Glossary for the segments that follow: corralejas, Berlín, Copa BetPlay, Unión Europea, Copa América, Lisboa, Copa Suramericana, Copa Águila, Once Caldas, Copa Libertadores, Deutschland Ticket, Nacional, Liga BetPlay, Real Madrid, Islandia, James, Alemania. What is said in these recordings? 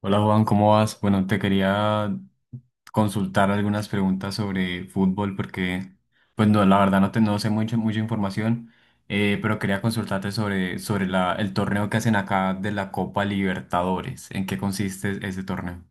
Hola Juan, ¿cómo vas? Bueno, te quería consultar algunas preguntas sobre fútbol porque, pues no, la verdad no, no sé mucha información, pero quería consultarte sobre el torneo que hacen acá de la Copa Libertadores. ¿En qué consiste ese torneo?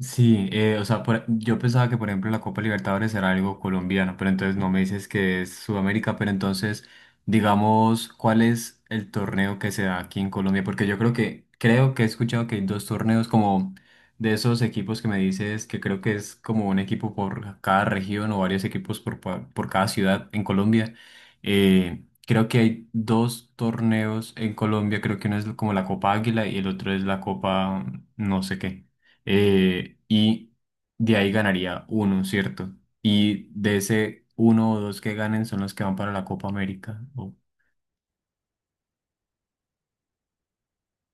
Sí, o sea, yo pensaba que por ejemplo la Copa Libertadores era algo colombiano, pero entonces no me dices que es Sudamérica, pero entonces digamos, ¿cuál es el torneo que se da aquí en Colombia? Porque creo que he escuchado que hay dos torneos como de esos equipos que me dices que creo que es como un equipo por cada región o varios equipos por cada ciudad en Colombia. Creo que hay dos torneos en Colombia, creo que uno es como la Copa Águila y el otro es la Copa no sé qué, y de ahí ganaría uno, ¿cierto? Y de ese uno o dos que ganen son los que van para la Copa América.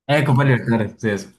Copa Libertadores, sí, eso.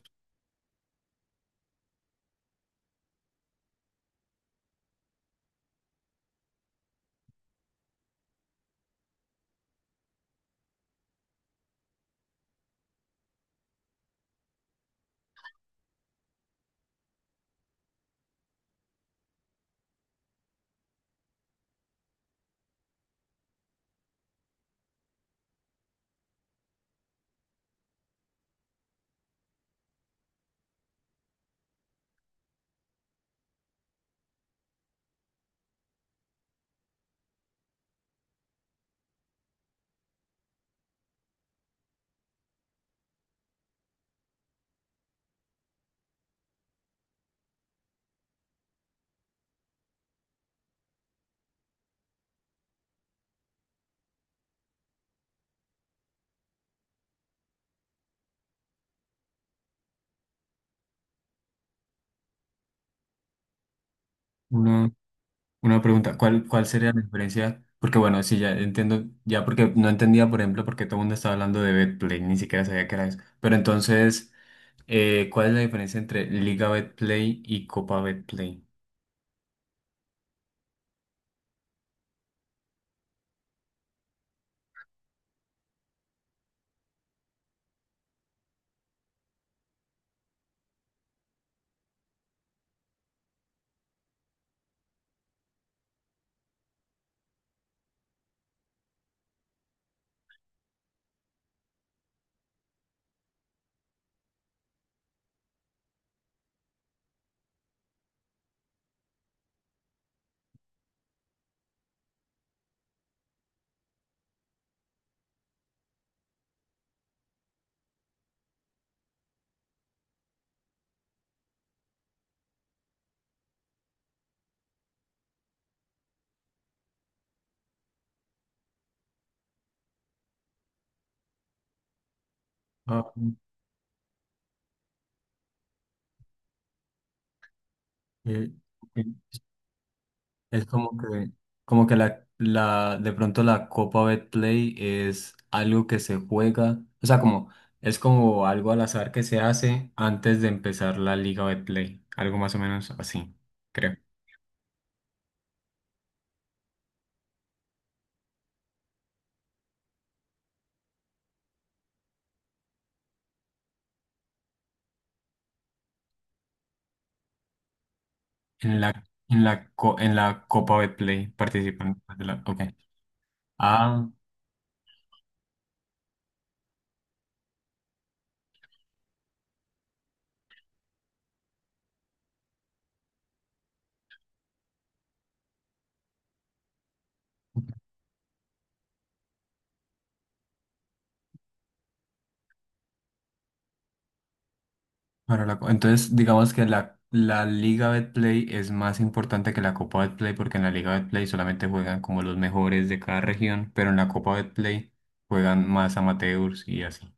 Una, una pregunta, ¿cuál sería la diferencia? Porque bueno, sí, ya entiendo, ya porque no entendía, por ejemplo, porque todo el mundo estaba hablando de BetPlay, ni siquiera sabía qué era eso. Pero entonces, ¿cuál es la diferencia entre Liga BetPlay y Copa BetPlay? Ah, eh, ok. Es como que de pronto la Copa Betplay es algo que se juega, o sea, como, es como algo al azar que se hace antes de empezar la Liga Betplay, algo más o menos así, creo. En la, en la Copa Betplay participan. Pues, ok. Ah. Entonces, digamos que la Liga Betplay es más importante que la Copa Betplay porque en la Liga Betplay solamente juegan como los mejores de cada región, pero en la Copa Betplay juegan más amateurs y así.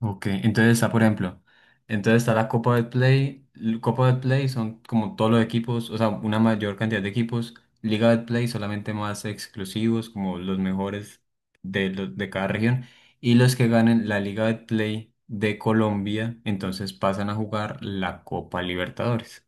Ok, entonces está, por ejemplo, entonces está la Copa del Play. Copa del Play son como todos los equipos, o sea, una mayor cantidad de equipos. Liga del Play solamente más exclusivos, como los mejores de cada región. Y los que ganen la Liga del Play de Colombia, entonces pasan a jugar la Copa Libertadores.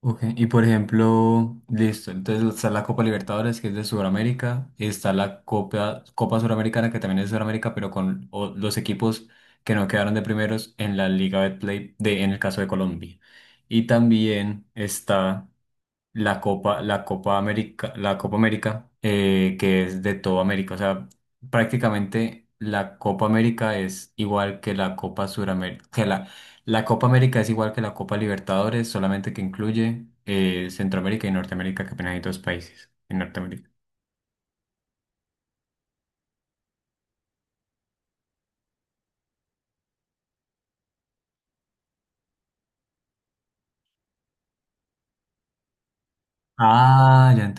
Ok, y por ejemplo, listo, entonces está la Copa Libertadores que es de Sudamérica, está la Copa, Copa Suramericana que también es de Sudamérica, pero con los equipos que no quedaron de primeros en la Liga Betplay de, en el caso de Colombia. Y también está la Copa América, que es de toda América. O sea, prácticamente la Copa América es igual que la Copa Suramérica, que la Copa América es igual que la Copa Libertadores, solamente que incluye Centroamérica y Norteamérica, que apenas hay dos países en Norteamérica. Ah, ya.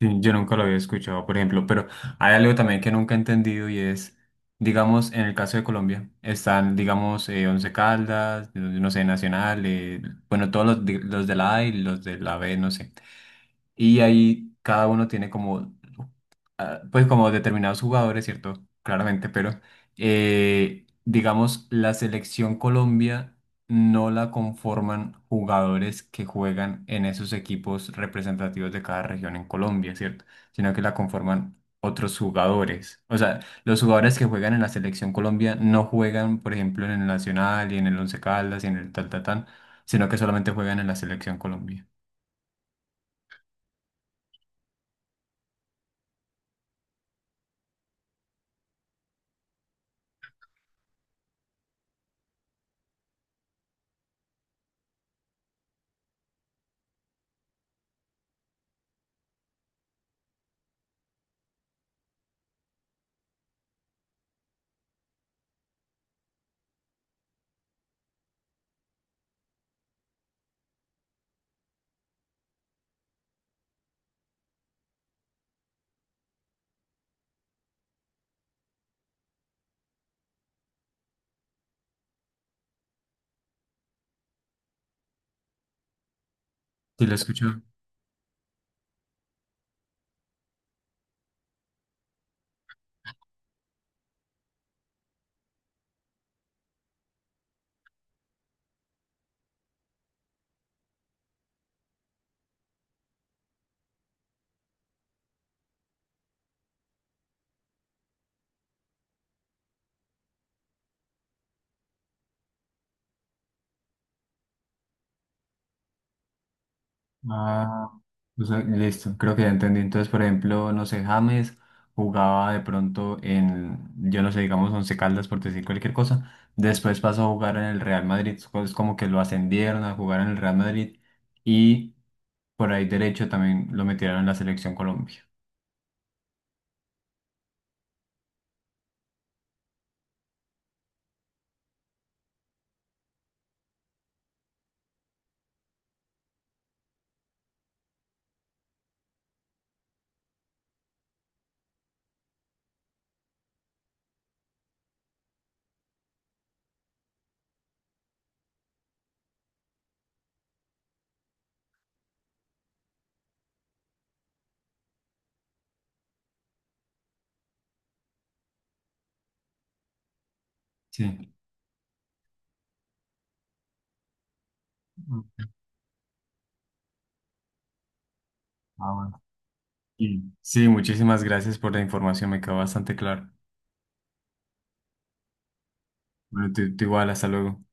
Sí, yo nunca lo había escuchado, por ejemplo, pero hay algo también que nunca he entendido y es, digamos, en el caso de Colombia, están, digamos, Once Caldas, no, no sé, Nacional, bueno, todos los de la A y los de la B, no sé. Y ahí cada uno tiene como, ah, pues como determinados jugadores, ¿cierto? Claramente, pero digamos, la selección Colombia no la conforman jugadores que juegan en esos equipos representativos de cada región en Colombia, ¿cierto? Sino que la conforman otros jugadores. O sea, los jugadores que juegan en la selección Colombia no juegan, por ejemplo, en el Nacional y en el Once Caldas y en el tal, tal, tal, sino que solamente juegan en la selección Colombia. Sí, lo escucho. Ah, o sea, listo, creo que ya entendí. Entonces, por ejemplo, no sé, James jugaba de pronto en, yo no sé, digamos, Once Caldas, por decir cualquier cosa. Después pasó a jugar en el Real Madrid, es como que lo ascendieron a jugar en el Real Madrid y por ahí derecho también lo metieron en la selección Colombia. Sí. Mm. Ah, bueno. Sí, sí, muchísimas gracias por la información, me quedó bastante claro. Bueno, tú igual, hasta luego.